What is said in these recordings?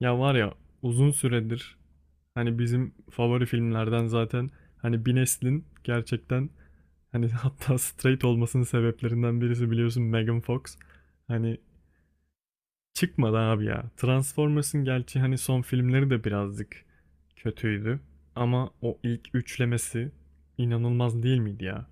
Ya var ya, uzun süredir hani bizim favori filmlerden zaten, hani bir neslin gerçekten, hani hatta straight olmasının sebeplerinden birisi biliyorsun Megan Fox. Hani çıkmadı abi ya. Transformers'ın gerçi hani son filmleri de birazcık kötüydü. Ama o ilk üçlemesi inanılmaz değil miydi ya?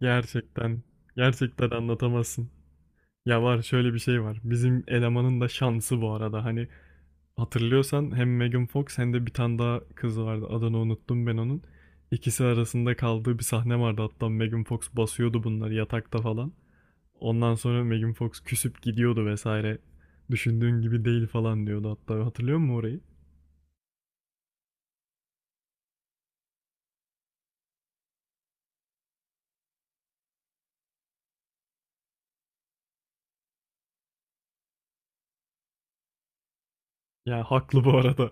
Gerçekten, gerçekten anlatamazsın. Ya var, şöyle bir şey var. Bizim elemanın da şansı bu arada. Hani hatırlıyorsan hem Megan Fox hem de bir tane daha kız vardı. Adını unuttum ben onun. İkisi arasında kaldığı bir sahne vardı. Hatta Megan Fox basıyordu bunları yatakta falan. Ondan sonra Megan Fox küsüp gidiyordu vesaire. Düşündüğün gibi değil falan diyordu hatta. Hatırlıyor musun orayı? Ya haklı bu arada.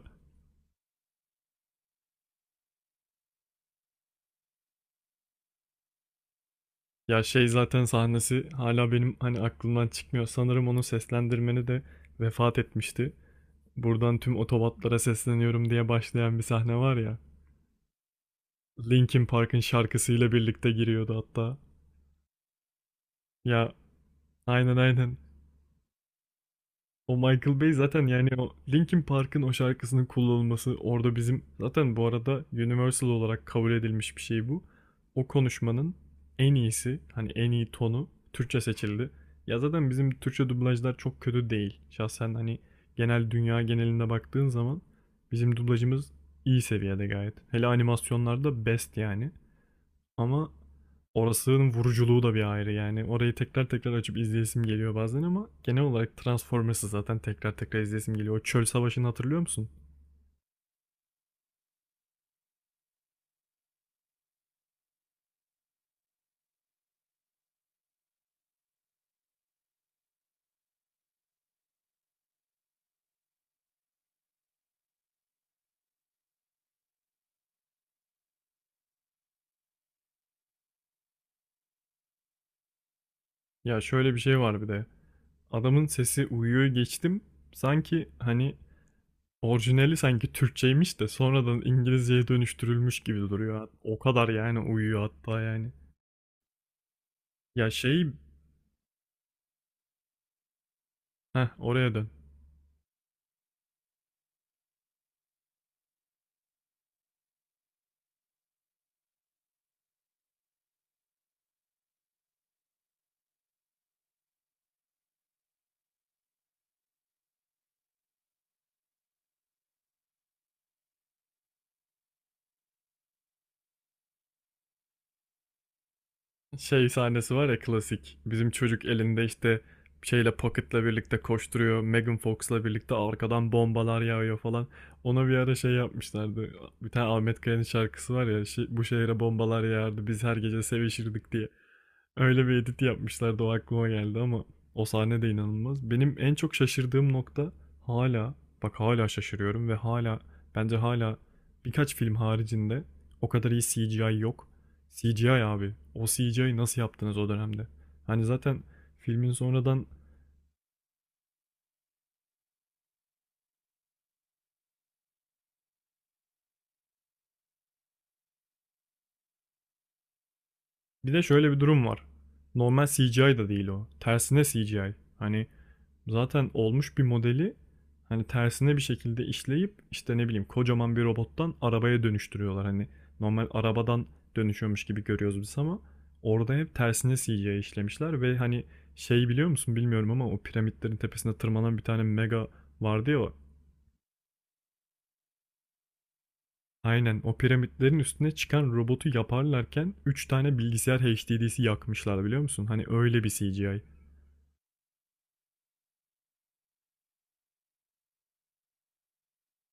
Ya şey zaten sahnesi hala benim hani aklımdan çıkmıyor. Sanırım onun seslendirmeni de vefat etmişti. Buradan tüm otobatlara sesleniyorum diye başlayan bir sahne var ya. Linkin Park'ın şarkısıyla birlikte giriyordu hatta. Ya aynen, aynen. O Michael Bay zaten yani o Linkin Park'ın o şarkısının kullanılması orada bizim zaten bu arada universal olarak kabul edilmiş bir şey bu. O konuşmanın en iyisi hani en iyi tonu Türkçe seçildi. Ya zaten bizim Türkçe dublajlar çok kötü değil. Şahsen hani genel dünya genelinde baktığın zaman bizim dublajımız iyi seviyede gayet. Hele animasyonlarda best yani. Ama orasının vuruculuğu da bir ayrı yani. Orayı tekrar tekrar açıp izleyesim geliyor bazen ama genel olarak Transformers'ı zaten tekrar tekrar izleyesim geliyor. O çöl savaşını hatırlıyor musun? Ya şöyle bir şey var bir de. Adamın sesi uyuyor geçtim. Sanki hani orijinali sanki Türkçeymiş de sonradan İngilizceye dönüştürülmüş gibi duruyor. O kadar yani uyuyor hatta yani. Ya şey... Heh, oraya dön. Şey sahnesi var ya klasik. Bizim çocuk elinde işte şeyle Pocket'la birlikte koşturuyor. Megan Fox'la birlikte arkadan bombalar yağıyor falan. Ona bir ara şey yapmışlardı. Bir tane Ahmet Kaya'nın şarkısı var ya. Bu şehre bombalar yağardı. Biz her gece sevişirdik diye. Öyle bir edit yapmışlardı, o aklıma geldi ama o sahne de inanılmaz. Benim en çok şaşırdığım nokta hala, bak hala şaşırıyorum ve hala bence hala birkaç film haricinde o kadar iyi CGI yok. CGI abi. O CGI nasıl yaptınız o dönemde? Hani zaten filmin sonradan bir de şöyle bir durum var. Normal CGI da değil o. Tersine CGI. Hani zaten olmuş bir modeli hani tersine bir şekilde işleyip işte ne bileyim kocaman bir robottan arabaya dönüştürüyorlar. Hani normal arabadan dönüşüyormuş gibi görüyoruz biz ama orada hep tersine CGI işlemişler ve hani şey, biliyor musun bilmiyorum ama o piramitlerin tepesine tırmanan bir tane mega vardı ya o. Aynen, o piramitlerin üstüne çıkan robotu yaparlarken 3 tane bilgisayar HDD'si yakmışlar biliyor musun? Hani öyle bir CGI.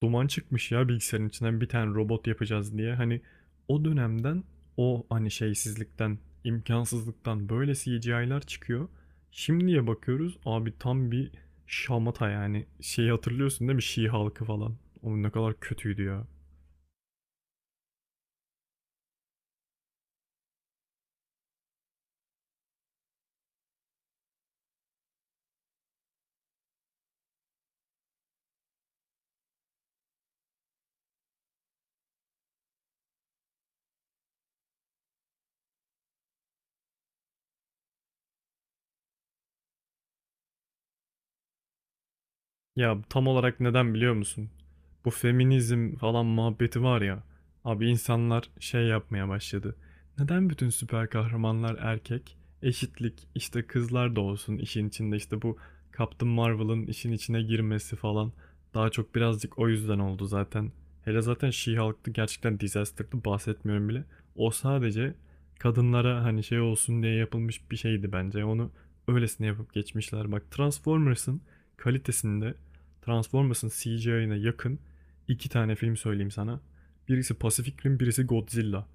Duman çıkmış ya bilgisayarın içinden, bir tane robot yapacağız diye. Hani o dönemden, o hani şeysizlikten, imkansızlıktan böyle CGI'lar çıkıyor. Şimdiye bakıyoruz abi, tam bir şamata yani. Şeyi hatırlıyorsun değil mi? Şii halkı falan. O ne kadar kötüydü ya. Ya tam olarak neden biliyor musun? Bu feminizm falan muhabbeti var ya. Abi insanlar şey yapmaya başladı. Neden bütün süper kahramanlar erkek? Eşitlik, işte kızlar da olsun işin içinde, işte bu Captain Marvel'ın işin içine girmesi falan. Daha çok birazcık o yüzden oldu zaten. Hele zaten She-Hulk'tı, gerçekten disaster'dı, bahsetmiyorum bile. O sadece kadınlara hani şey olsun diye yapılmış bir şeydi bence. Onu öylesine yapıp geçmişler. Bak Transformers'ın kalitesinde, Transformers'ın CGI'ına yakın iki tane film söyleyeyim sana. Birisi Pacific Rim, birisi Godzilla.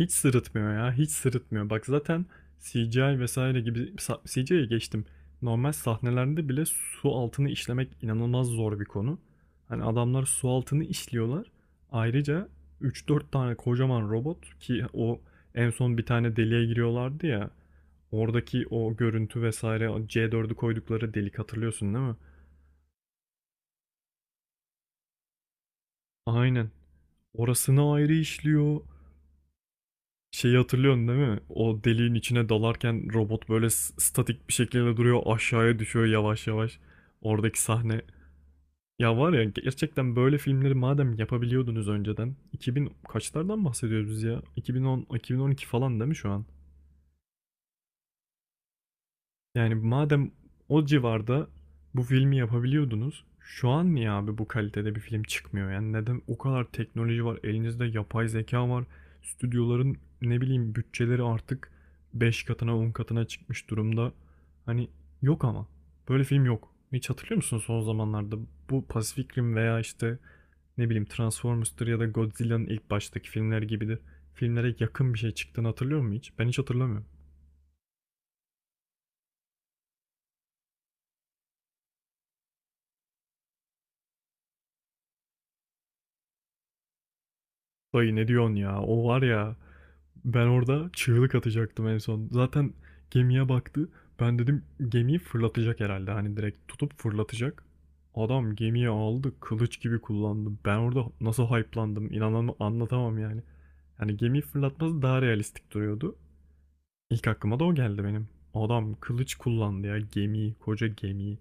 Hiç sırıtmıyor ya, hiç sırıtmıyor. Bak zaten CGI vesaire gibi CGI'ye geçtim. Normal sahnelerde bile su altını işlemek inanılmaz zor bir konu. Hani adamlar su altını işliyorlar. Ayrıca üç dört tane kocaman robot, ki o en son bir tane deliğe giriyorlardı ya. Oradaki o görüntü vesaire, C4'ü koydukları delik, hatırlıyorsun değil mi? Aynen. Orasını ayrı işliyor. Şeyi hatırlıyorsun değil mi? O deliğin içine dalarken robot böyle statik bir şekilde duruyor, aşağıya düşüyor yavaş yavaş. Oradaki sahne. Ya var ya, gerçekten böyle filmleri madem yapabiliyordunuz önceden. 2000 kaçlardan bahsediyoruz biz ya? 2010, 2012 falan değil mi şu an? Yani madem o civarda bu filmi yapabiliyordunuz, şu an niye abi bu kalitede bir film çıkmıyor? Yani neden o kadar teknoloji var, elinizde yapay zeka var, stüdyoların ne bileyim bütçeleri artık 5 katına 10 katına çıkmış durumda. Hani yok, ama böyle film yok. Hiç hatırlıyor musun son zamanlarda bu Pacific Rim veya işte ne bileyim Transformers'tır ya da Godzilla'nın ilk baştaki filmler gibidir. Filmlere yakın bir şey çıktığını hatırlıyor musun hiç? Ben hiç hatırlamıyorum. Dayı ne diyorsun ya? O var ya. Ben orada çığlık atacaktım en son. Zaten gemiye baktı. Ben dedim gemiyi fırlatacak herhalde. Hani direkt tutup fırlatacak. Adam gemiyi aldı, kılıç gibi kullandı. Ben orada nasıl hype'landım, inanamam anlatamam yani. Yani gemiyi fırlatması daha realistik duruyordu. İlk aklıma da o geldi benim. Adam kılıç kullandı ya gemiyi, koca gemiyi.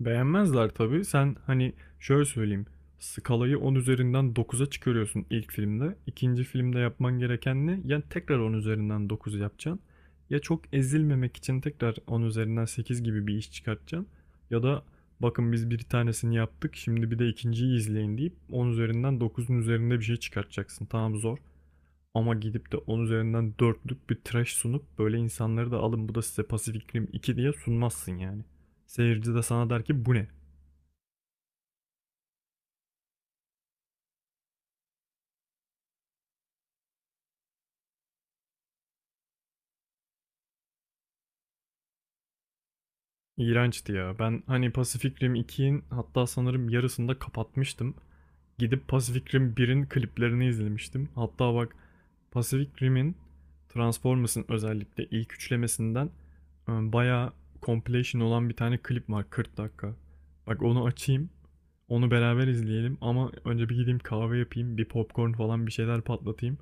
Beğenmezler tabii. Sen hani şöyle söyleyeyim. Skalayı 10 üzerinden 9'a çıkarıyorsun ilk filmde. İkinci filmde yapman gereken ne? Yani tekrar 10 üzerinden 9 yapacaksın. Ya çok ezilmemek için tekrar 10 üzerinden 8 gibi bir iş çıkartacaksın. Ya da bakın biz bir tanesini yaptık, şimdi bir de ikinciyi izleyin deyip 10 üzerinden 9'un üzerinde bir şey çıkartacaksın. Tamam, zor. Ama gidip de 10 üzerinden 4'lük bir trash sunup böyle insanları da alın, bu da size Pacific Rim 2 diye sunmazsın yani. Seyirci de sana der ki bu ne? İğrençti ya. Ben hani Pacific Rim 2'nin hatta sanırım yarısında kapatmıştım. Gidip Pacific Rim 1'in kliplerini izlemiştim. Hatta bak, Pacific Rim'in, Transformers'ın özellikle ilk üçlemesinden bayağı compilation olan bir tane klip var 40 dakika. Bak onu açayım. Onu beraber izleyelim ama önce bir gideyim kahve yapayım, bir popcorn falan bir şeyler patlatayım.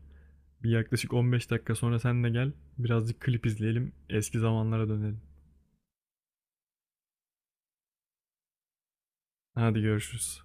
Bir yaklaşık 15 dakika sonra sen de gel, birazcık klip izleyelim, eski zamanlara dönelim. Hadi görüşürüz.